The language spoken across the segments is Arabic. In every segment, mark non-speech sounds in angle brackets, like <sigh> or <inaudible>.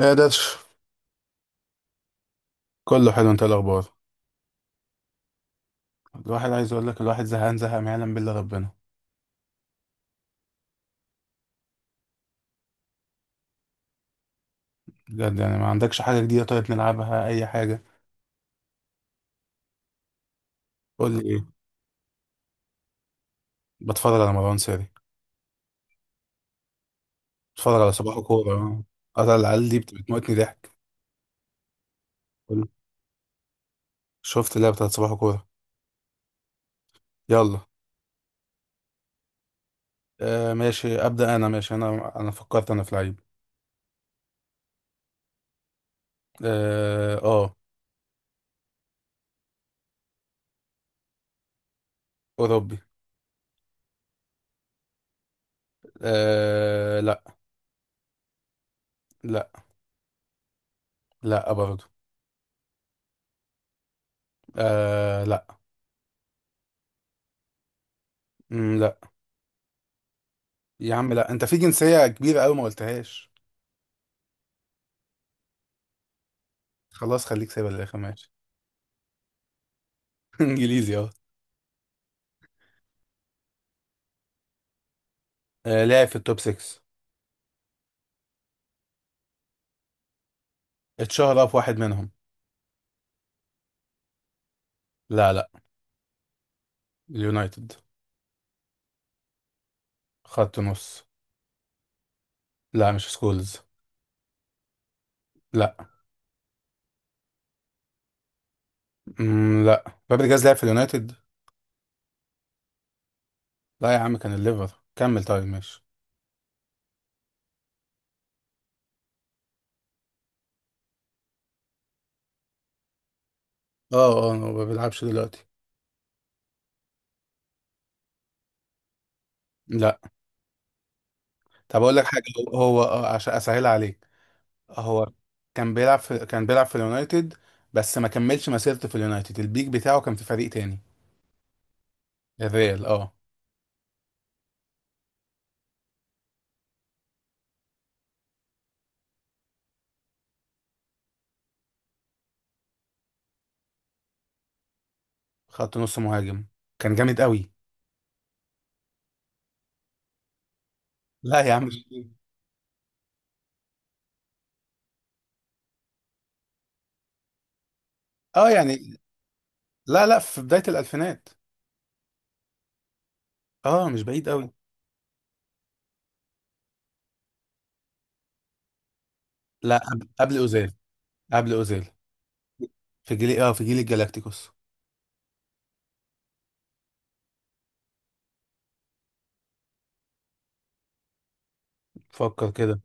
ايه ده؟ كله حلو، انت إيه الاخبار؟ الواحد عايز اقول لك الواحد زهقان زهق ما يعلم بالله ربنا. بجد؟ يعني ما عندكش حاجه جديده؟ طيب نلعبها اي حاجه. قول لي ايه. بتفرج على مروان ساري. بتفرج على صباح كوره. اه، أنا العيال دي بتموتني ضحك. قول. شفت اللعبه بتاعت صباح كوره. يلا. آه ماشي، ابدا انا، ماشي انا فكرت انا في لعيب. اه آه، اوروبي. آه لا. لا. لا برضه. آه لا. لا. يا عم لا، انت في جنسيه كبيره قوي ما قلتهاش. خلاص خليك سايبها للاخر، ماشي. <laughs> انجليزي، اه. آه، لاعب في التوب 6. اتشهر في واحد منهم. لا، لا. اليونايتد، خط نص. لا مش سكولز. لا. لا، فابريجاز لعب في اليونايتد؟ لا يا عم، كان الليفر، كمل طيب، ماشي. اه. اه، هو ما بيلعبش دلوقتي. لا. طب اقول لك حاجه. عشان اسهل عليك، هو كان بيلعب في اليونايتد، بس ما كملش مسيرته في اليونايتد، البيك بتاعه كان في فريق تاني. الريال، اه. خط نص مهاجم. كان جامد قوي. لا يا عم. اه يعني. لا لا، في بداية الألفينات. اه مش بعيد قوي. لا قبل أوزيل. قبل أوزيل. في جيل الجالاكتيكوس. فكر كده.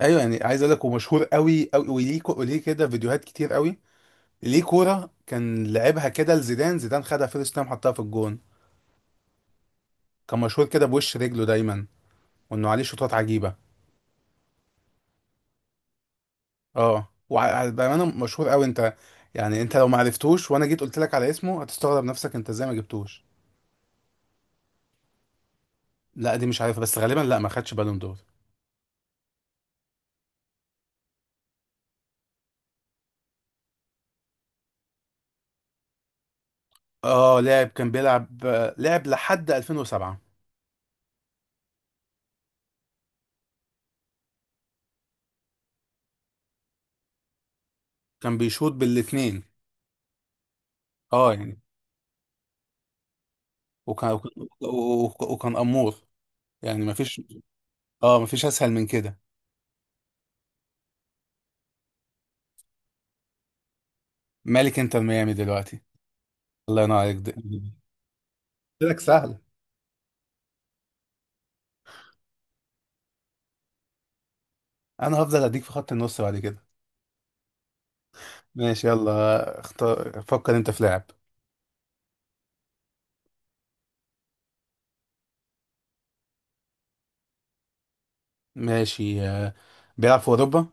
ايوه يعني، عايز اقول لك ومشهور قوي قوي، وليه وليه كده فيديوهات كتير قوي. ليه كورة كان لعبها كده لزيدان، زيدان خدها فيرست تايم حطها في الجون. كان مشهور كده بوش رجله دايما، وانه عليه شوطات عجيبة. اه، وبأمانة مشهور قوي انت، يعني انت لو ما عرفتوش وانا جيت قلت لك على اسمه هتستغرب نفسك انت ازاي ما جبتوش. لا دي مش عارفه، بس غالبا لا ما خدش بالون دور. اه، لاعب كان بيلعب آه، لعب لحد 2007. كان بيشوط بالاثنين. اه يعني. وكان وكان وكان امور. يعني ما فيش. اه، ما فيش اسهل من كده. مالك انتر ميامي دلوقتي؟ الله ينور عليك ده. قلت لك سهل. انا هفضل اديك في خط النص بعد كده. ماشي، يلا اختار، فكر انت في لاعب. ماشي، آه، بيلعب في اوروبا.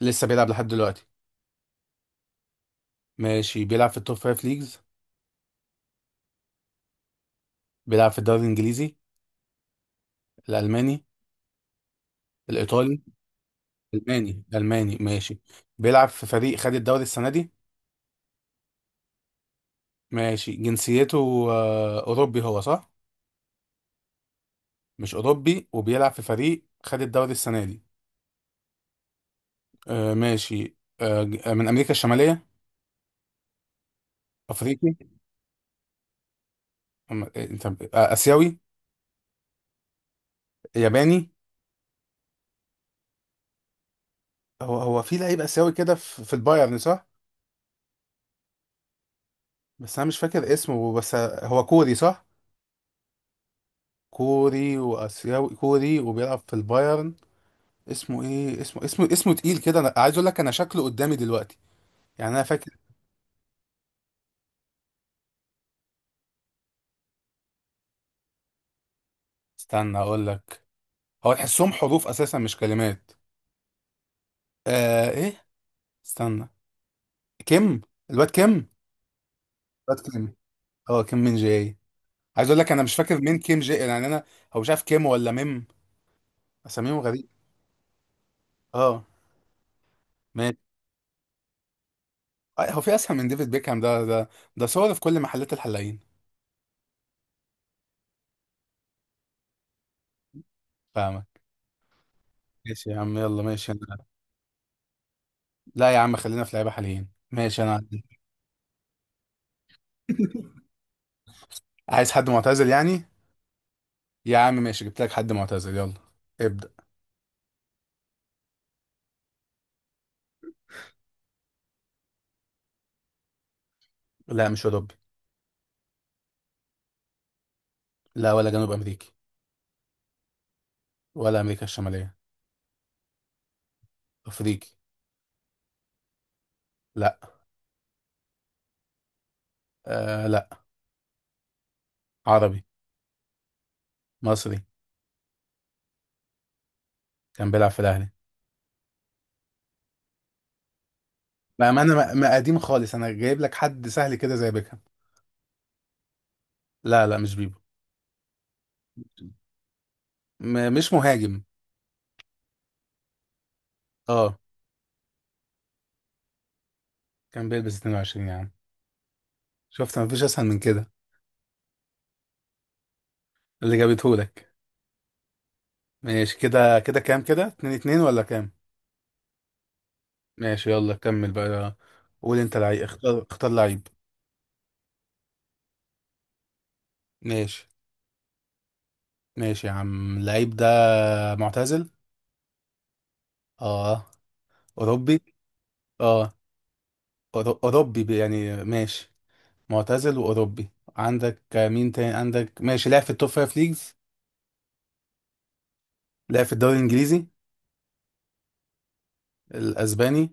لسه بيلعب لحد دلوقتي. ماشي، بيلعب في التوب فايف ليجز. بيلعب في الدوري الانجليزي؟ الالماني؟ الايطالي؟ ألماني، ألماني، ماشي. بيلعب في فريق خد الدوري السنة دي. ماشي، جنسيته آه، أوروبي هو صح؟ مش أوروبي وبيلعب في فريق خد الدوري السنة دي. آه، ماشي. من أمريكا الشمالية؟ أفريقي؟ أم- آه، طب، آه، آسيوي؟ ياباني؟ هو في لعيب آسيوي كده في البايرن صح؟ بس أنا مش فاكر اسمه، بس آه، هو كوري صح؟ كوري، وآسيوي كوري، وبيلعب في البايرن. اسمه ايه؟ اسمه تقيل كده. انا عايز اقول لك انا شكله قدامي دلوقتي، يعني انا فاكر. استنى اقول لك. هو تحسهم حروف اساسا مش كلمات. آه ايه، استنى. كيم. الواد كيم. الواد كيم. اه، كيم من جاي. عايز اقول لك انا مش فاكر مين كيم جاي يعني انا. هو مش عارف كيم ولا ميم، اساميهم غريب. اه. ماشي، آه، هو في اسهل من ديفيد بيكهام؟ ده ده صور في كل محلات الحلاقين. فاهمك. ماشي يا عم، يلا، ماشي انا. لا يا عم خلينا في لعيبه حاليين، ماشي انا عندي. <laughs> عايز حد معتزل يعني؟ يا عم ماشي، جبت لك حد معتزل، يلا ابدأ. لا مش اوروبي. لا ولا جنوب امريكي. ولا امريكا الشماليه. افريقي. لا. آه لا. عربي. مصري. كان بيلعب في الاهلي. ما ما انا ما ما قديم خالص، انا جايب لك حد سهل كده زي بيكهام. لا لا مش بيبو. مش مهاجم. اه، كان بيلبس 22 يا عم. شفت مفيش اسهل من كده. اللي جابته لك. ماشي كده، كده كام؟ كده 2-2 ولا كام؟ ماشي، يلا كمل بقى. قول انت لعيب، اختار، اختار لعيب. ماشي. ماشي يا عم، اللعيب ده معتزل. اه. اوروبي. اه. اوروبي، يعني ماشي، معتزل وأوروبي. عندك مين تاني عندك؟ ماشي، لعب في التوب فايف ليجز. لعب في الدوري الإنجليزي؟ الأسباني؟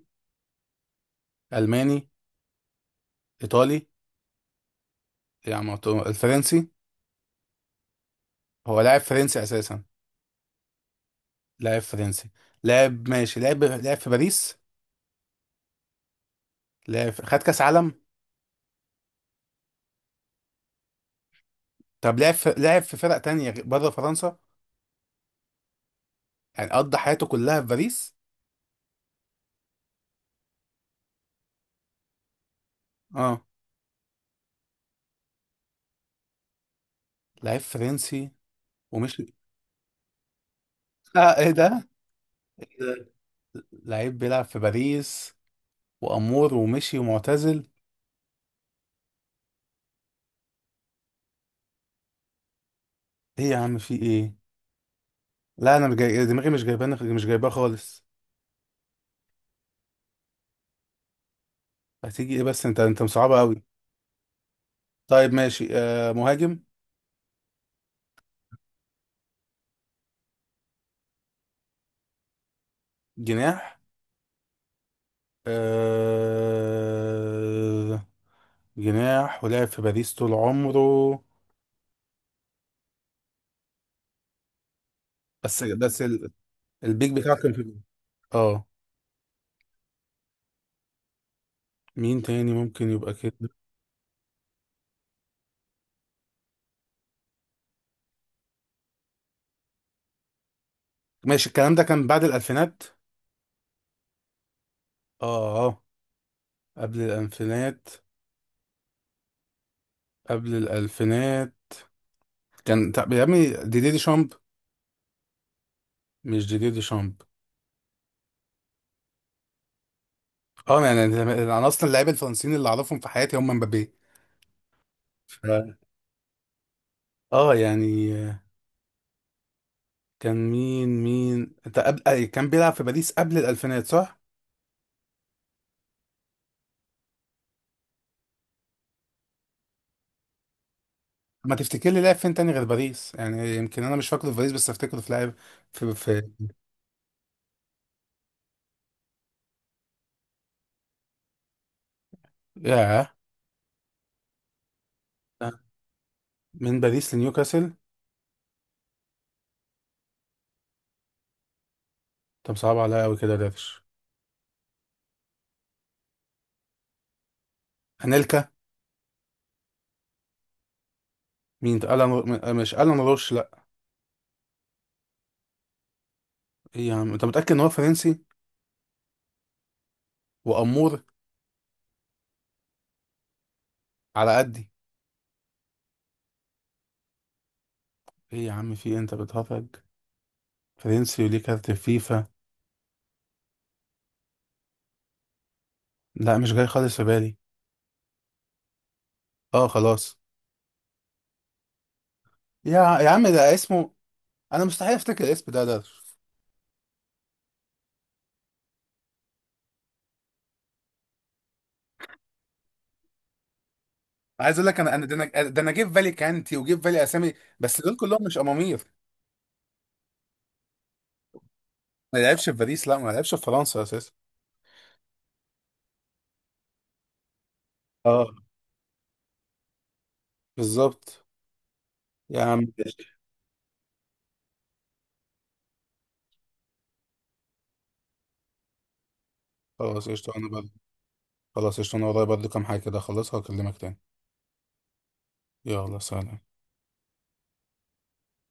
ألماني؟ إيطالي؟ يعني ما تو- الفرنسي. هو لاعب فرنسي أساسا. لاعب فرنسي، لاعب، ماشي. لعب في باريس. خد كأس عالم. طب لعب في فرق تانية بره فرنسا؟ يعني قضى حياته كلها في باريس؟ اه. لعيب فرنسي ومش <laughs> اه ايه ده؟ <laughs> إيه ده؟ لعيب بيلعب في باريس، وأمور، ومشي، ومعتزل. ايه يا عم؟ في ايه؟ لا انا مش جاي دماغي، مش جايبانه، مش جايباه خالص. هتيجي ايه بس انت؟ انت مصعبه قوي. طيب ماشي، آه، مهاجم؟ جناح؟ آه، جناح، ولعب في باريس طول عمره؟ بس بس ال... البيك بتاعه كان في؟ اه. مين تاني ممكن يبقى كده؟ ماشي، الكلام ده كان بعد الالفينات. اه، اه، قبل الالفينات، قبل الالفينات. كان، طب يا ابني ديدي دي شامب؟ مش ديدي دي شامب؟ اه يعني انا، انا اصلا اللعيبه الفرنسيين اللي اعرفهم في حياتي هم مبابي. ف... اه يعني كان مين، مين انت قبل أي، كان بيلعب في باريس قبل الالفينات صح؟ ما تفتكر لي لاعب فين تاني غير باريس؟ يعني يمكن انا مش فاكره في باريس بس افتكره في لاعب في. ياه. آه، من باريس لنيوكاسل. طب صعب عليا قوي كده يا دارش. انيلكا؟ مين ده؟ الان مش الان روش، لا. ايه يا عم، انت متاكد ان هو فرنسي وامور؟ على قدي. ايه يا عم؟ في إيه؟ انت بتهرج. فرنسي وليه كارت فيفا؟ لا مش جاي خالص في بالي. اه خلاص. يا عم ده اسمه، انا مستحيل افتكر الاسم ده. عايز اقول لك انا، انا ده انا ده انا جه في بالي كانتي، وجه في بالي اسامي، بس دول كلهم مش امامير. ما لعبش في باريس، لا، ما لعبش في فرنسا اساسا. اه، بالظبط. يا عم قشطة. خلاص قشطة انا برضه. خلاص قشطة انا ورايا برضه كام حاجة كده اخلصها واكلمك تاني. يلا سلام.